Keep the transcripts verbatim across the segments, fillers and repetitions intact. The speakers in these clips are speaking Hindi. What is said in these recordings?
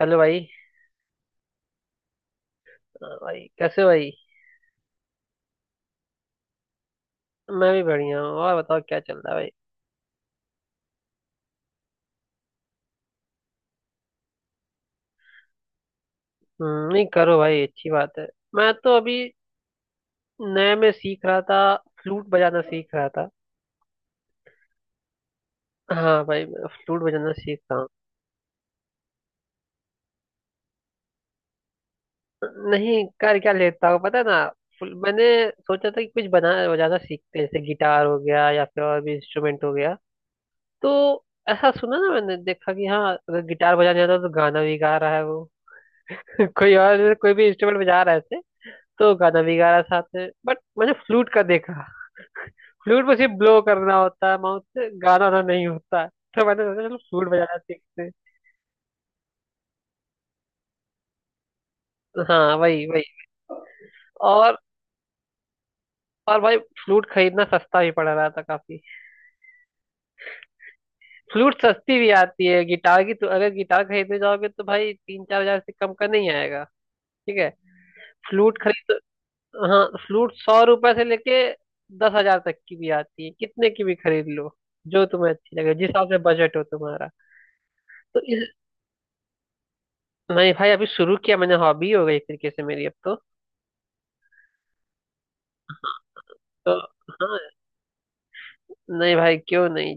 हेलो भाई। हाँ भाई, कैसे हो भाई? मैं भी बढ़िया हूँ। और बताओ, क्या चल रहा है भाई? हम्म, नहीं करो भाई, अच्छी बात है। मैं तो अभी नए में सीख रहा था, फ्लूट बजाना सीख रहा था। हाँ भाई, मैं फ्लूट बजाना सीख रहा हूँ। नहीं कर क्या लेता हूँ, पता है ना। फुल- मैंने सोचा था कि कुछ बना बजाना सीखते हैं, जैसे गिटार हो गया या फिर और भी इंस्ट्रूमेंट हो गया। तो ऐसा सुना ना, मैंने देखा कि हाँ, अगर गिटार बजाने आता है तो गाना भी गा रहा है वो कोई और, कोई भी इंस्ट्रूमेंट बजा रहा है ऐसे, तो गाना भी गा रहा साथ में। बट मैंने फ्लूट का देखा, फ्लूट में सिर्फ ब्लो करना होता है माउथ से, गाना वाना नहीं होता है, तो मैंने सोचा चलो फ्लूट बजाना सीखते हैं। हाँ, वही वही। और और भाई, फ्लूट खरीदना सस्ता भी पड़ रहा था काफी। फ्लूट सस्ती भी आती है, गिटार की तो अगर गिटार खरीदने जाओगे तो भाई तीन चार हजार से कम का नहीं आएगा। ठीक है। फ्लूट खरीद तो, हाँ फ्लूट सौ रुपए से लेके दस हजार तक की भी आती है, कितने की भी खरीद लो जो तुम्हें अच्छी लगे, जिस हिसाब से बजट हो तुम्हारा। तो इस नहीं भाई, अभी शुरू किया मैंने, हॉबी हो गई एक तरीके से मेरी अब तो। तो हाँ, नहीं भाई, क्यों नहीं,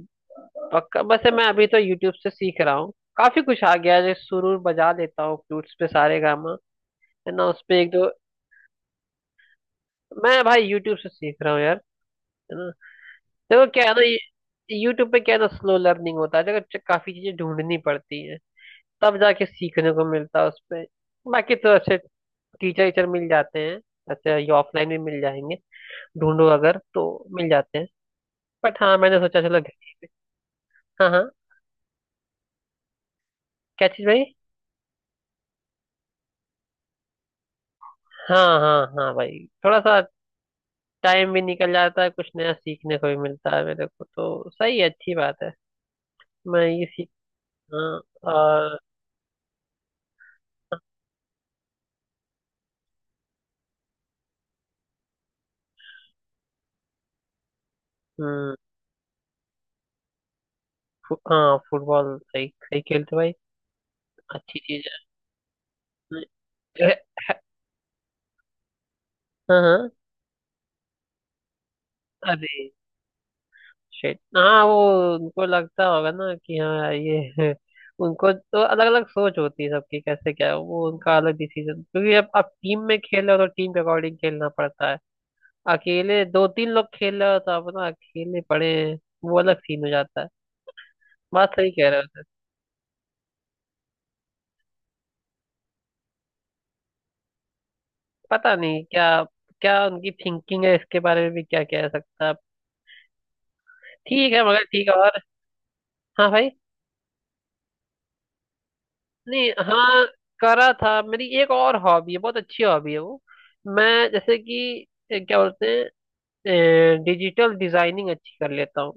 पक्का। बस मैं अभी तो यूट्यूब से सीख रहा हूँ, काफी कुछ आ गया है, जैसे सुरूर बजा लेता हूँ फ्लूट्स पे, सारे गामा है ना उस पे, एक दो। मैं भाई यूट्यूब से सीख रहा हूँ यार, है ना। देखो क्या है ना, यूट्यूब पे क्या है ना, स्लो लर्निंग होता है, देखो काफी चीजें ढूंढनी पड़ती है, तब जाके सीखने को मिलता है उस पे। बाकी तो अच्छे टीचर टीचर मिल जाते हैं, अच्छा, ये ऑफलाइन भी मिल जाएंगे, ढूंढो अगर तो मिल जाते हैं। बट हाँ, मैंने सोचा चलो। हाँ हाँ। क्या चीज भाई? हाँ हाँ हाँ भाई, थोड़ा सा टाइम भी निकल जाता है, कुछ नया सीखने को भी मिलता है, मेरे को तो सही है, अच्छी बात है। मैं ये सीख। हाँ। और। हम्म। फु, हाँ, फुटबॉल सही सही खेलते भाई। अच्छी चीज है। हाँ हाँ। अरे शिट। हाँ वो, उनको लगता होगा ना कि हाँ ये उनको तो अलग अलग सोच होती है सबकी, कैसे क्या है वो, उनका अलग डिसीजन, क्योंकि अब अब टीम में खेल रहे हो तो टीम के अकॉर्डिंग खेलना पड़ता है। अकेले दो तीन लोग खेल रहे हो तो आप ना अकेले पड़े हैं, वो अलग सीन हो जाता है। बात सही कह रहे हो सर। पता नहीं क्या, क्या उनकी थिंकिंग है इसके बारे में, भी क्या कह सकता है आप। ठीक है मगर, ठीक है। और हाँ भाई, नहीं हाँ, करा था। मेरी एक और हॉबी है, बहुत अच्छी हॉबी है वो। मैं जैसे कि ए, क्या बोलते हैं, डिजिटल डिजाइनिंग अच्छी कर लेता हूँ,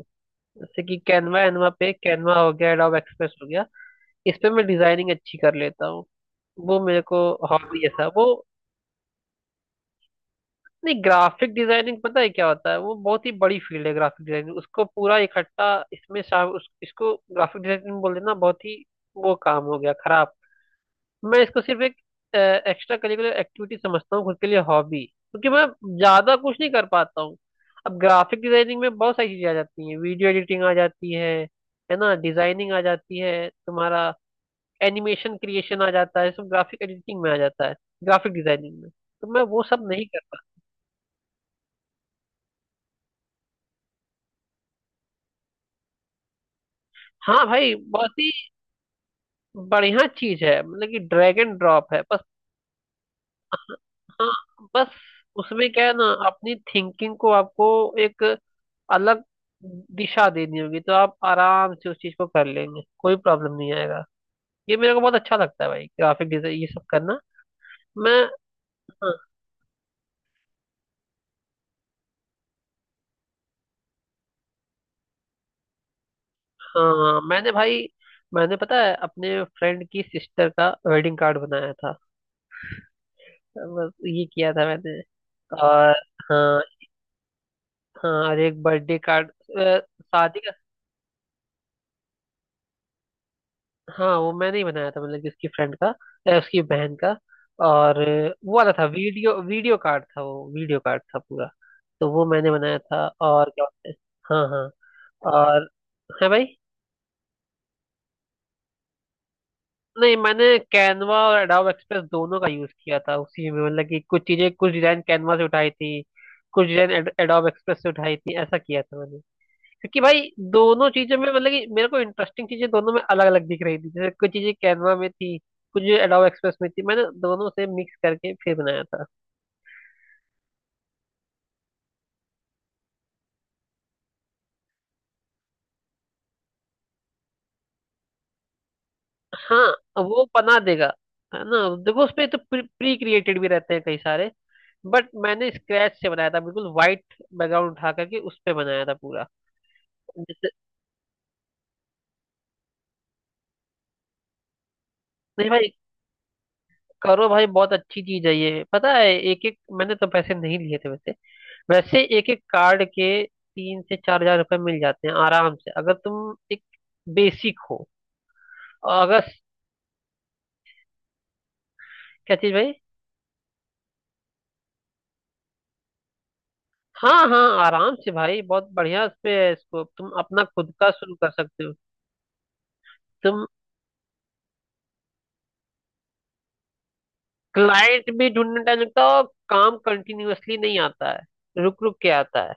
जैसे कि कैनवा एनवा पे, कैनवा हो गया, एडोब एक्सप्रेस हो गया, इस पे मैं डिजाइनिंग अच्छी कर लेता हूँ, वो मेरे को हॉबी है सा वो। नहीं, ग्राफिक डिजाइनिंग पता है क्या होता है, वो बहुत ही बड़ी फील्ड है ग्राफिक डिजाइनिंग, उसको पूरा इकट्ठा इसमें शाम उस, इसको ग्राफिक डिजाइनिंग बोल देना बहुत ही, वो काम हो गया खराब। मैं इसको सिर्फ एक एक्स्ट्रा करिकुलर एक्टिविटी समझता हूँ खुद के लिए हॉबी, क्योंकि मैं ज्यादा कुछ नहीं कर पाता हूँ। अब ग्राफिक डिजाइनिंग में बहुत सारी चीजें आ जाती हैं, वीडियो एडिटिंग आ जाती है है ना, डिजाइनिंग आ जाती है तुम्हारा, एनिमेशन क्रिएशन आ जाता है, सब ग्राफिक एडिटिंग में आ जाता है, ग्राफिक डिजाइनिंग में, तो मैं वो सब नहीं कर पाता। हाँ भाई, बहुत ही बढ़िया चीज है, मतलब कि ड्रैग एंड ड्रॉप है बस। हाँ बस, उसमें क्या है ना, अपनी थिंकिंग को आपको एक अलग दिशा देनी होगी, तो आप आराम से उस चीज को कर लेंगे, कोई प्रॉब्लम नहीं आएगा। ये मेरे को बहुत अच्छा लगता है भाई, ग्राफिक डिजाइन ये सब करना। मैं। हाँ, मैंने भाई मैंने पता है, अपने फ्रेंड की सिस्टर का वेडिंग कार्ड बनाया था, बस ये किया था मैंने। और हाँ हाँ, और एक बर्थडे कार्ड। शादी। हाँ, वो मैंने ही बनाया था, मतलब कि उसकी फ्रेंड का, अ, उसकी बहन का। और अ, वो वाला था, वीडियो वीडियो कार्ड था, वो वीडियो कार्ड था पूरा। तो वो मैंने बनाया था, और क्या होता है। हाँ हाँ, और है भाई। नहीं, मैंने कैनवा और एडोब एक्सप्रेस दोनों का यूज किया था उसी में, मतलब कि कुछ चीजें, कुछ डिजाइन कैनवा से उठाई थी, कुछ डिजाइन एडोब एक्सप्रेस से उठाई थी, ऐसा किया था। क्योंकि भाई दोनों चीजों में, मतलब कि मेरे को इंटरेस्टिंग चीजें दोनों में अलग अलग दिख रही थी, जैसे कुछ चीजें कैनवा में थी, कुछ एडोब एक्सप्रेस में थी, मैंने दोनों से मिक्स करके फिर बनाया था। हाँ वो बना देगा, है ना। देखो उसपे तो प्री क्रिएटेड भी रहते हैं कई सारे, बट मैंने स्क्रैच से बनाया था, बिल्कुल वाइट बैकग्राउंड उठा करके उस पे बनाया था पूरा। जैसे। नहीं भाई, करो भाई, बहुत अच्छी चीज है ये, पता है, एक एक मैंने तो पैसे नहीं लिए थे वैसे। वैसे एक एक कार्ड के तीन से चार हजार रुपये मिल जाते हैं आराम से, अगर तुम एक बेसिक हो। और अगर, क्या चीज भाई? हाँ हाँ, आराम से भाई, बहुत बढ़िया उस पे है, इसको तुम अपना खुद का शुरू कर सकते हो। तुम। क्लाइंट भी ढूंढने टाइम लगता है, और काम कंटिन्यूअसली नहीं आता है, रुक रुक के आता है,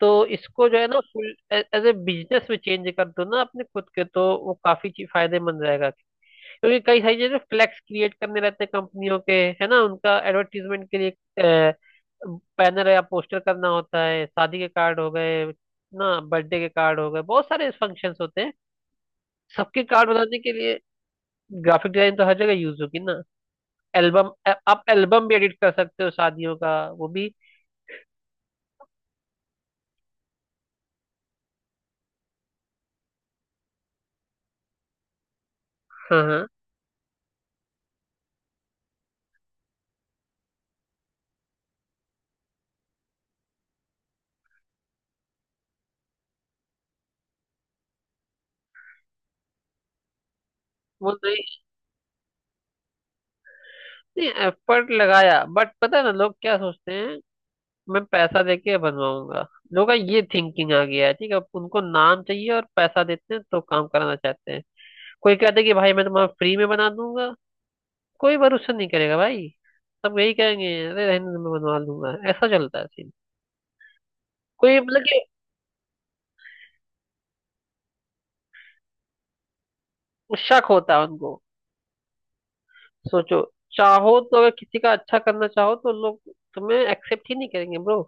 तो इसको जो है ना, फुल एज ए बिजनेस में चेंज कर दो ना अपने खुद के, तो वो काफी ची- फायदेमंद रहेगा। क्योंकि कई सारी जगह फ्लैक्स क्रिएट करने रहते हैं कंपनियों के, है ना, उनका एडवर्टीजमेंट के लिए बैनर या पोस्टर करना होता है, शादी के कार्ड हो गए ना, बर्थडे के कार्ड हो गए, बहुत सारे फंक्शंस होते हैं, सबके कार्ड बनाने के लिए ग्राफिक डिजाइन तो हर जगह यूज होगी ना। एल्बम, आप एल्बम भी एडिट कर सकते हो शादियों का, वो भी। हाँ हाँ। वो नहीं, नहीं एफर्ट लगाया, बट पता है ना लोग क्या सोचते हैं, मैं पैसा देके बनवाऊंगा, लोगों का ये थिंकिंग आ गया है। ठीक है, उनको नाम चाहिए, और पैसा देते हैं तो काम कराना चाहते हैं। कोई कहते हैं कि भाई मैं तुम्हारा फ्री में बना दूंगा, कोई भरोसा नहीं करेगा भाई, सब यही कहेंगे, अरे रहने दो, मैं बनवा लूंगा, ऐसा चलता है सीन। कोई, मतलब कि शक होता है उनको। सोचो, चाहो तो, अगर किसी का अच्छा करना चाहो तो लोग तुम्हें एक्सेप्ट ही नहीं करेंगे ब्रो,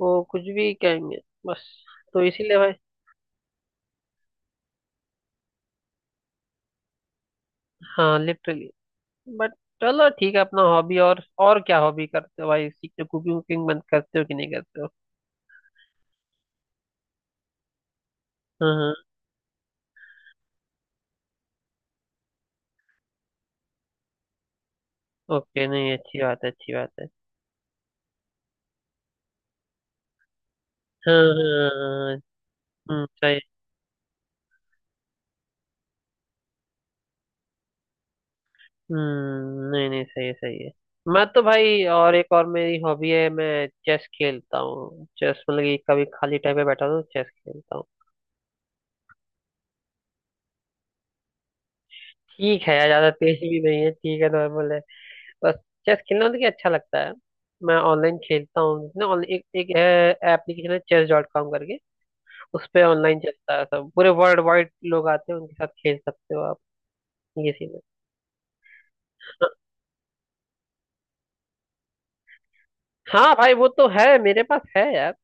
वो कुछ भी कहेंगे। बस, तो इसीलिए भाई, हाँ लिटरली। बट चलो ठीक है, अपना हॉबी और और क्या हॉबी करते हो भाई, सीखते हो, कुकिंग वुकिंग बंद करते हो कि नहीं करते हो? हाँ हाँ। ओके, नहीं अच्छी बात है, अच्छी बात है। हाँ हाँ हाँ, हाँ, हाँ। हम्म, सही। हम्म, नहीं नहीं, सही है, सही है। मैं तो भाई, और एक और मेरी हॉबी है, मैं चेस खेलता हूँ, चेस मतलब कि कभी खाली टाइम पे बैठा हूँ चेस खेलता हूँ। ठीक है यार, ज्यादा तेज भी नहीं है, ठीक है, नॉर्मल है बस। चेस खेलना मतलब कि अच्छा लगता है, मैं ऑनलाइन खेलता हूँ ना। ऑनलाइन एक एक एप्लीकेशन है, चेस डॉट कॉम करके, उस पे ऑनलाइन चलता है सब, पूरे वर्ल्ड वाइड लोग आते हैं, उनके साथ खेल सकते हो आप। ये सीन है। हाँ हाँ भाई, वो तो है, मेरे पास है यार।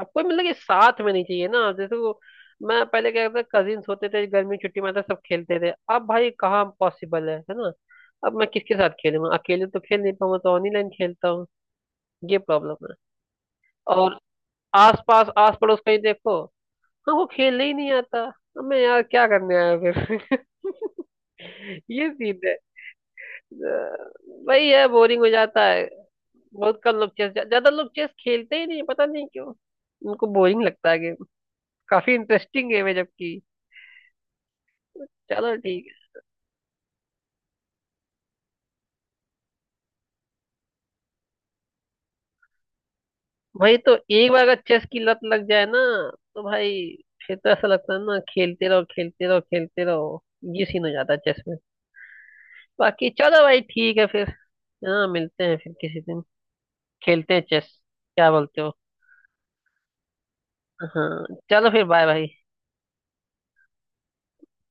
आपको मतलब कि साथ में नहीं चाहिए ना जैसे वो। मैं पहले क्या करता, कजिन्स होते थे, गर्मी की छुट्टी में आते, सब खेलते थे, अब भाई कहाँ पॉसिबल है है ना। अब मैं किसके साथ खेलूंगा, अकेले तो खेल नहीं पाऊंगा, तो ऑनलाइन खेलता हूँ। ये प्रॉब्लम है। और आस पास आस पड़ोस कहीं देखो, हाँ वो खेलने ही नहीं आता, अब मैं यार क्या करने आया फिर ये सीन है। वही है, बोरिंग हो जाता है। बहुत कम लोग चेस, ज्यादा लोग चेस खेलते ही नहीं, पता नहीं क्यों, उनको बोरिंग लगता है गेम, काफी इंटरेस्टिंग गेम है जबकि। चलो ठीक है। भाई, तो एक बार अगर चेस की लत लग जाए ना, तो भाई, फिर तो ऐसा लगता है ना, खेलते रहो खेलते रहो खेलते रहो, ये सीन हो जाता है चेस में। बाकी चलो भाई, ठीक है फिर। हाँ, मिलते हैं फिर किसी दिन, खेलते हैं चेस, क्या बोलते हो? हाँ चलो, फिर बाय भाई।